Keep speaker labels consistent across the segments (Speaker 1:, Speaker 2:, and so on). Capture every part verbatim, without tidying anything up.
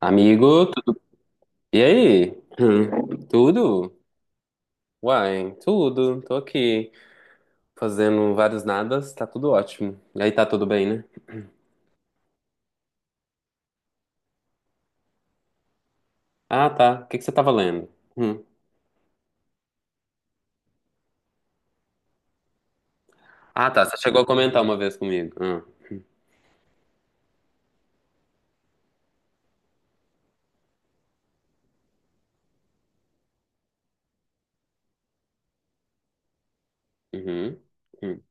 Speaker 1: Amigo, tu- e aí? Hum, Tudo? Uai, tudo. Tô aqui fazendo vários nadas, tá tudo ótimo. E aí, tá tudo bem, né? Ah, tá. O que que você tava lendo? Hum. Ah, tá. Você chegou a comentar uma vez comigo. Ah. Uhum. Uhum.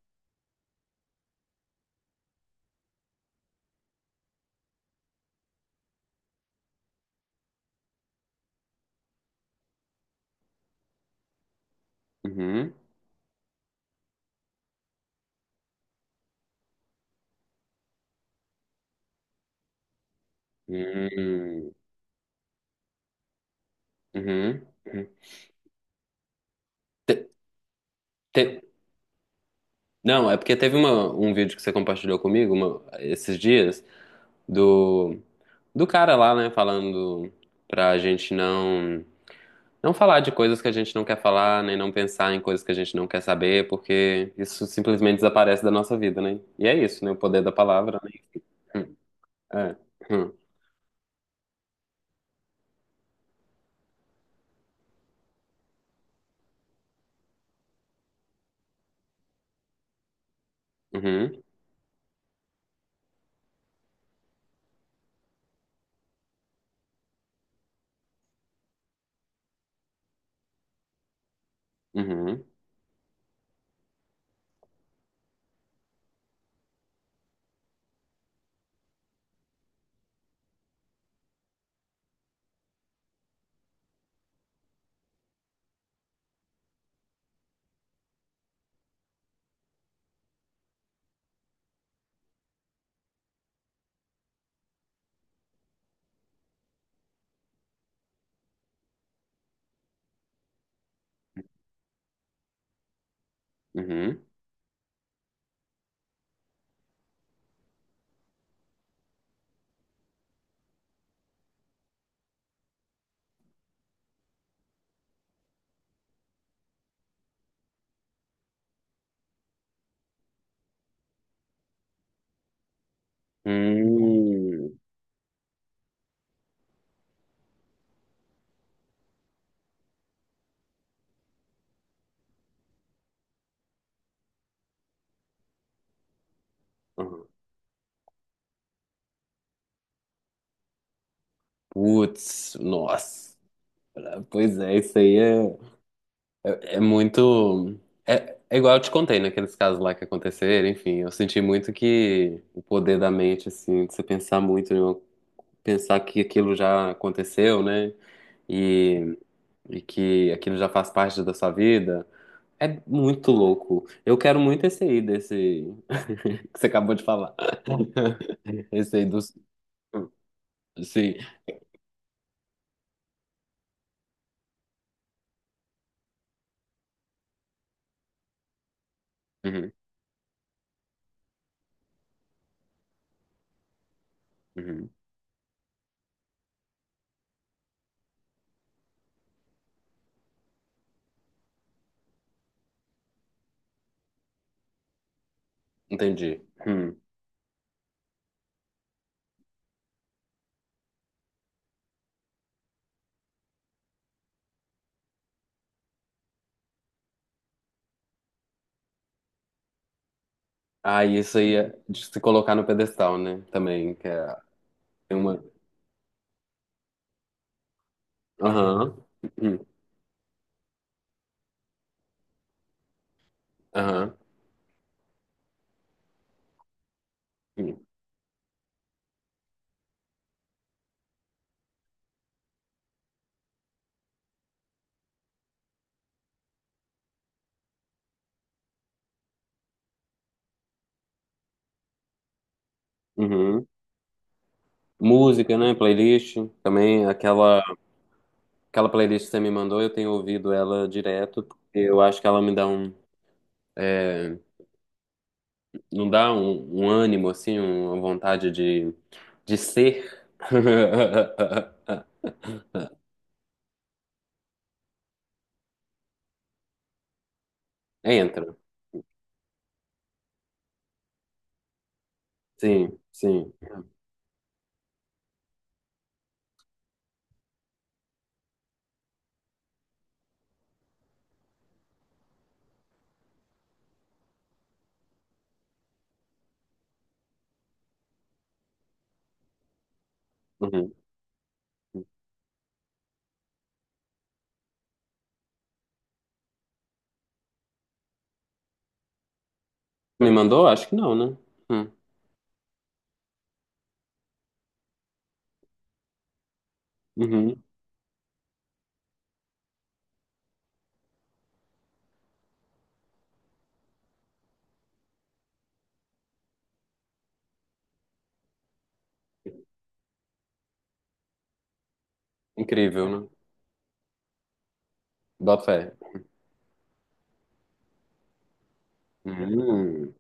Speaker 1: Uhum. Uhum. Uhum. Uhum. Hum. Te- te- Não, é porque teve uma, um vídeo que você compartilhou comigo uma- esses dias do, do cara lá, né, falando pra gente não. Não falar de coisas que a gente não quer falar, nem não pensar em coisas que a gente não quer saber, porque isso simplesmente desaparece da nossa vida, né? E é isso, né? O poder da palavra, né? Hum. É. Hum. Uhum, uhum, uhum, hum, uhum. Putz, nossa. Pois é, isso aí é, é muito. É, é igual eu te contei naqueles casos lá que aconteceram, enfim. Eu senti muito que o poder da mente, assim, de você pensar muito, né? Pensar que aquilo já aconteceu, né? e e que aquilo já faz parte da sua vida, é muito louco. Eu quero muito esse aí, desse que você acabou de falar. Esse aí dos. Sim. Uhum, uhum. Entendi. Hum. Ah, e isso aí é de se colocar no pedestal, né? Também, que é tem uma. Aham. Uhum. Aham. Uhum. Uhum. Música, né? Playlist. Também aquela, aquela playlist que você me mandou, eu tenho ouvido ela direto, porque eu acho que ela me dá um. É, não dá um, um ânimo, assim, uma vontade de, de ser. Entra. Sim, sim. Uhum. Me mandou? Acho que não, né? Hum. Uhum. Incrível, né? Bota fé. Hum.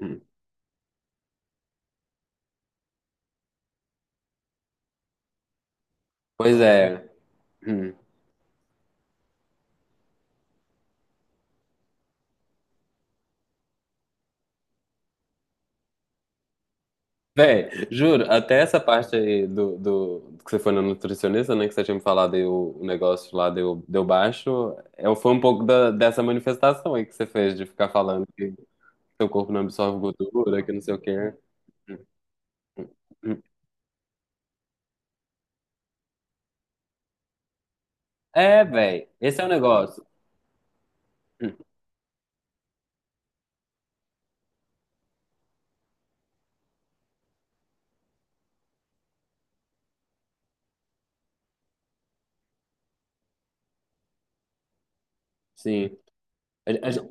Speaker 1: Hum. Pois é. Hum. Véi, juro, até essa parte aí do, do, que você foi na nutricionista, né? Que você tinha me falado aí o, o negócio lá deu, deu baixo. Eu, foi um pouco da- dessa manifestação aí que você fez de ficar falando. Que seu corpo não absorve gordura, que não sei o quê. É, velho. Esse é o negócio. Sim. A, a-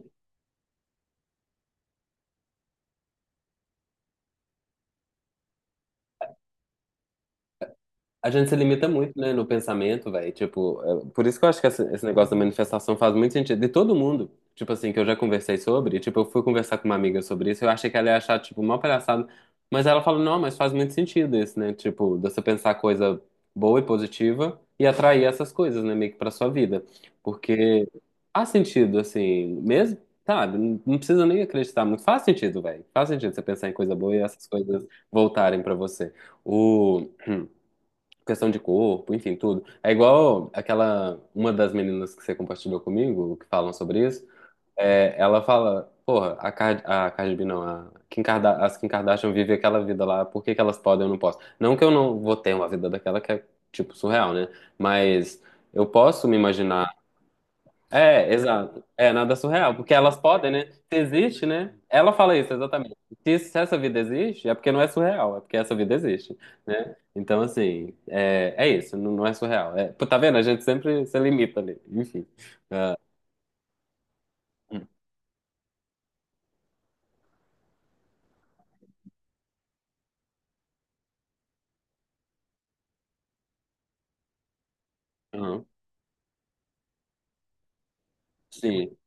Speaker 1: A gente se limita muito, né, no pensamento, velho. Tipo, é- por isso que eu acho que essa- esse negócio da manifestação faz muito sentido. De todo mundo, tipo assim, que eu já conversei sobre, tipo, eu fui conversar com uma amiga sobre isso, eu achei que ela ia achar, tipo, mó palhaçada. Mas ela falou, não, mas faz muito sentido isso, né? Tipo, de você pensar coisa boa e positiva e atrair essas coisas, né, meio que pra sua vida. Porque faz sentido, assim, mesmo, sabe? Não não precisa nem acreditar muito. Faz sentido, velho. Faz sentido você pensar em coisa boa e essas coisas voltarem pra você. O questão de corpo, enfim, tudo. É igual aquela, uma das meninas que você compartilhou comigo, que falam sobre isso, é, ela fala, porra, a, Card a Cardi B não, a Kim Karda- as Kim Kardashian vivem aquela vida lá, por que que elas podem e eu não posso? Não que eu não vou ter uma vida daquela que é, tipo, surreal, né? Mas eu posso me imaginar é, exato. É nada surreal, porque elas podem, né? Se existe, né? Ela fala isso exatamente. Se, se essa vida existe, é porque não é surreal, é porque essa vida existe, né? Então, assim, é, é isso, não, não é surreal. É, pô, tá vendo? A gente sempre se limita ali, enfim. Uhum. Sim,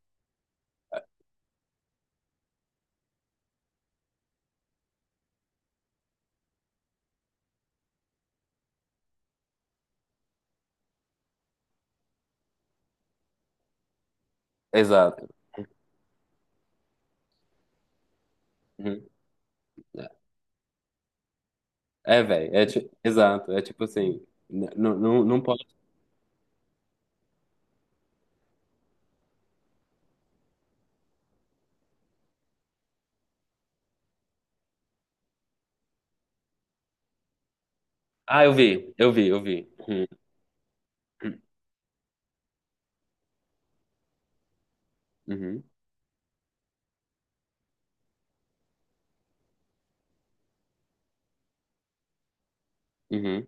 Speaker 1: exato. Uhum. É, velho, é, ti- exato, é tipo assim, n- n- não não pode. Ah, eu vi, eu vi, eu vi. Uhum. Uhum. Uhum.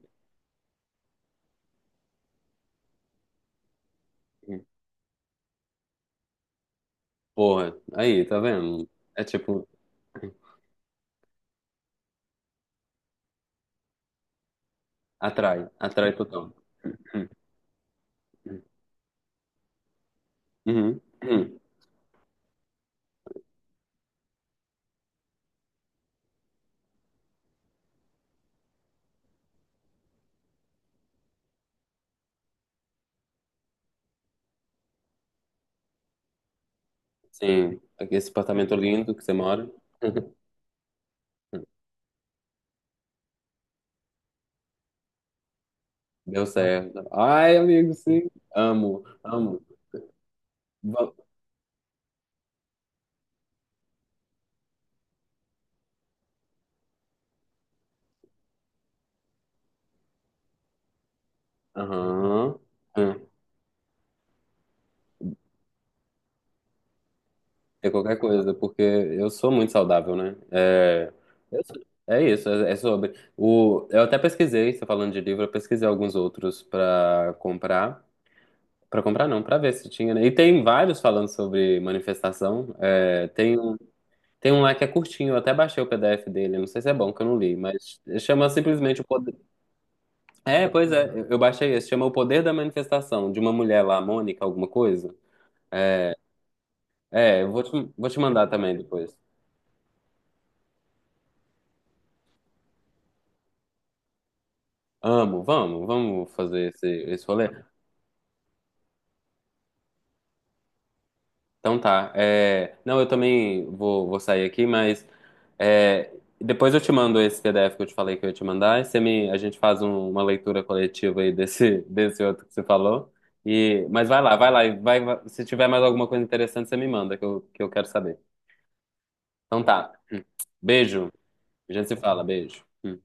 Speaker 1: Uhum. Porra, aí, tá vendo? É tipo, atrai, atrai total. Uhum. Uhum. Uhum. Sim, aqui esse apartamento lindo que você mora. Deu certo. Ai, amigo, sim. Amo, amo. Va- Aham. Hum. É qualquer coisa, porque eu sou muito saudável, né? É, eu sou- é isso, é, é sobre. O, eu até pesquisei, você falando de livro, eu pesquisei alguns outros pra comprar. Pra comprar não, pra ver se tinha, né? E tem vários falando sobre manifestação. É, tem tem um lá que é curtinho, eu até baixei o P D F dele, não sei se é bom, que eu não li, mas chama simplesmente o poder. É, pois é, eu eu baixei esse, chama O Poder da Manifestação, de uma mulher lá, Mônica, alguma coisa. É, eu vou te, vou te mandar também depois. Amo, vamos, vamos fazer esse, esse rolê. Então tá. É, não, eu também vou, vou sair aqui, mas é, depois eu te mando esse P D F que eu te falei que eu ia te mandar. E você me... A gente faz um- uma leitura coletiva aí desse, desse outro que você falou. E... Mas vai lá, vai lá. e Vai... vai- Se tiver mais alguma coisa interessante, você me manda, que eu, que eu quero saber. Então tá. Hum. Beijo. A gente se fala, beijo. Hum.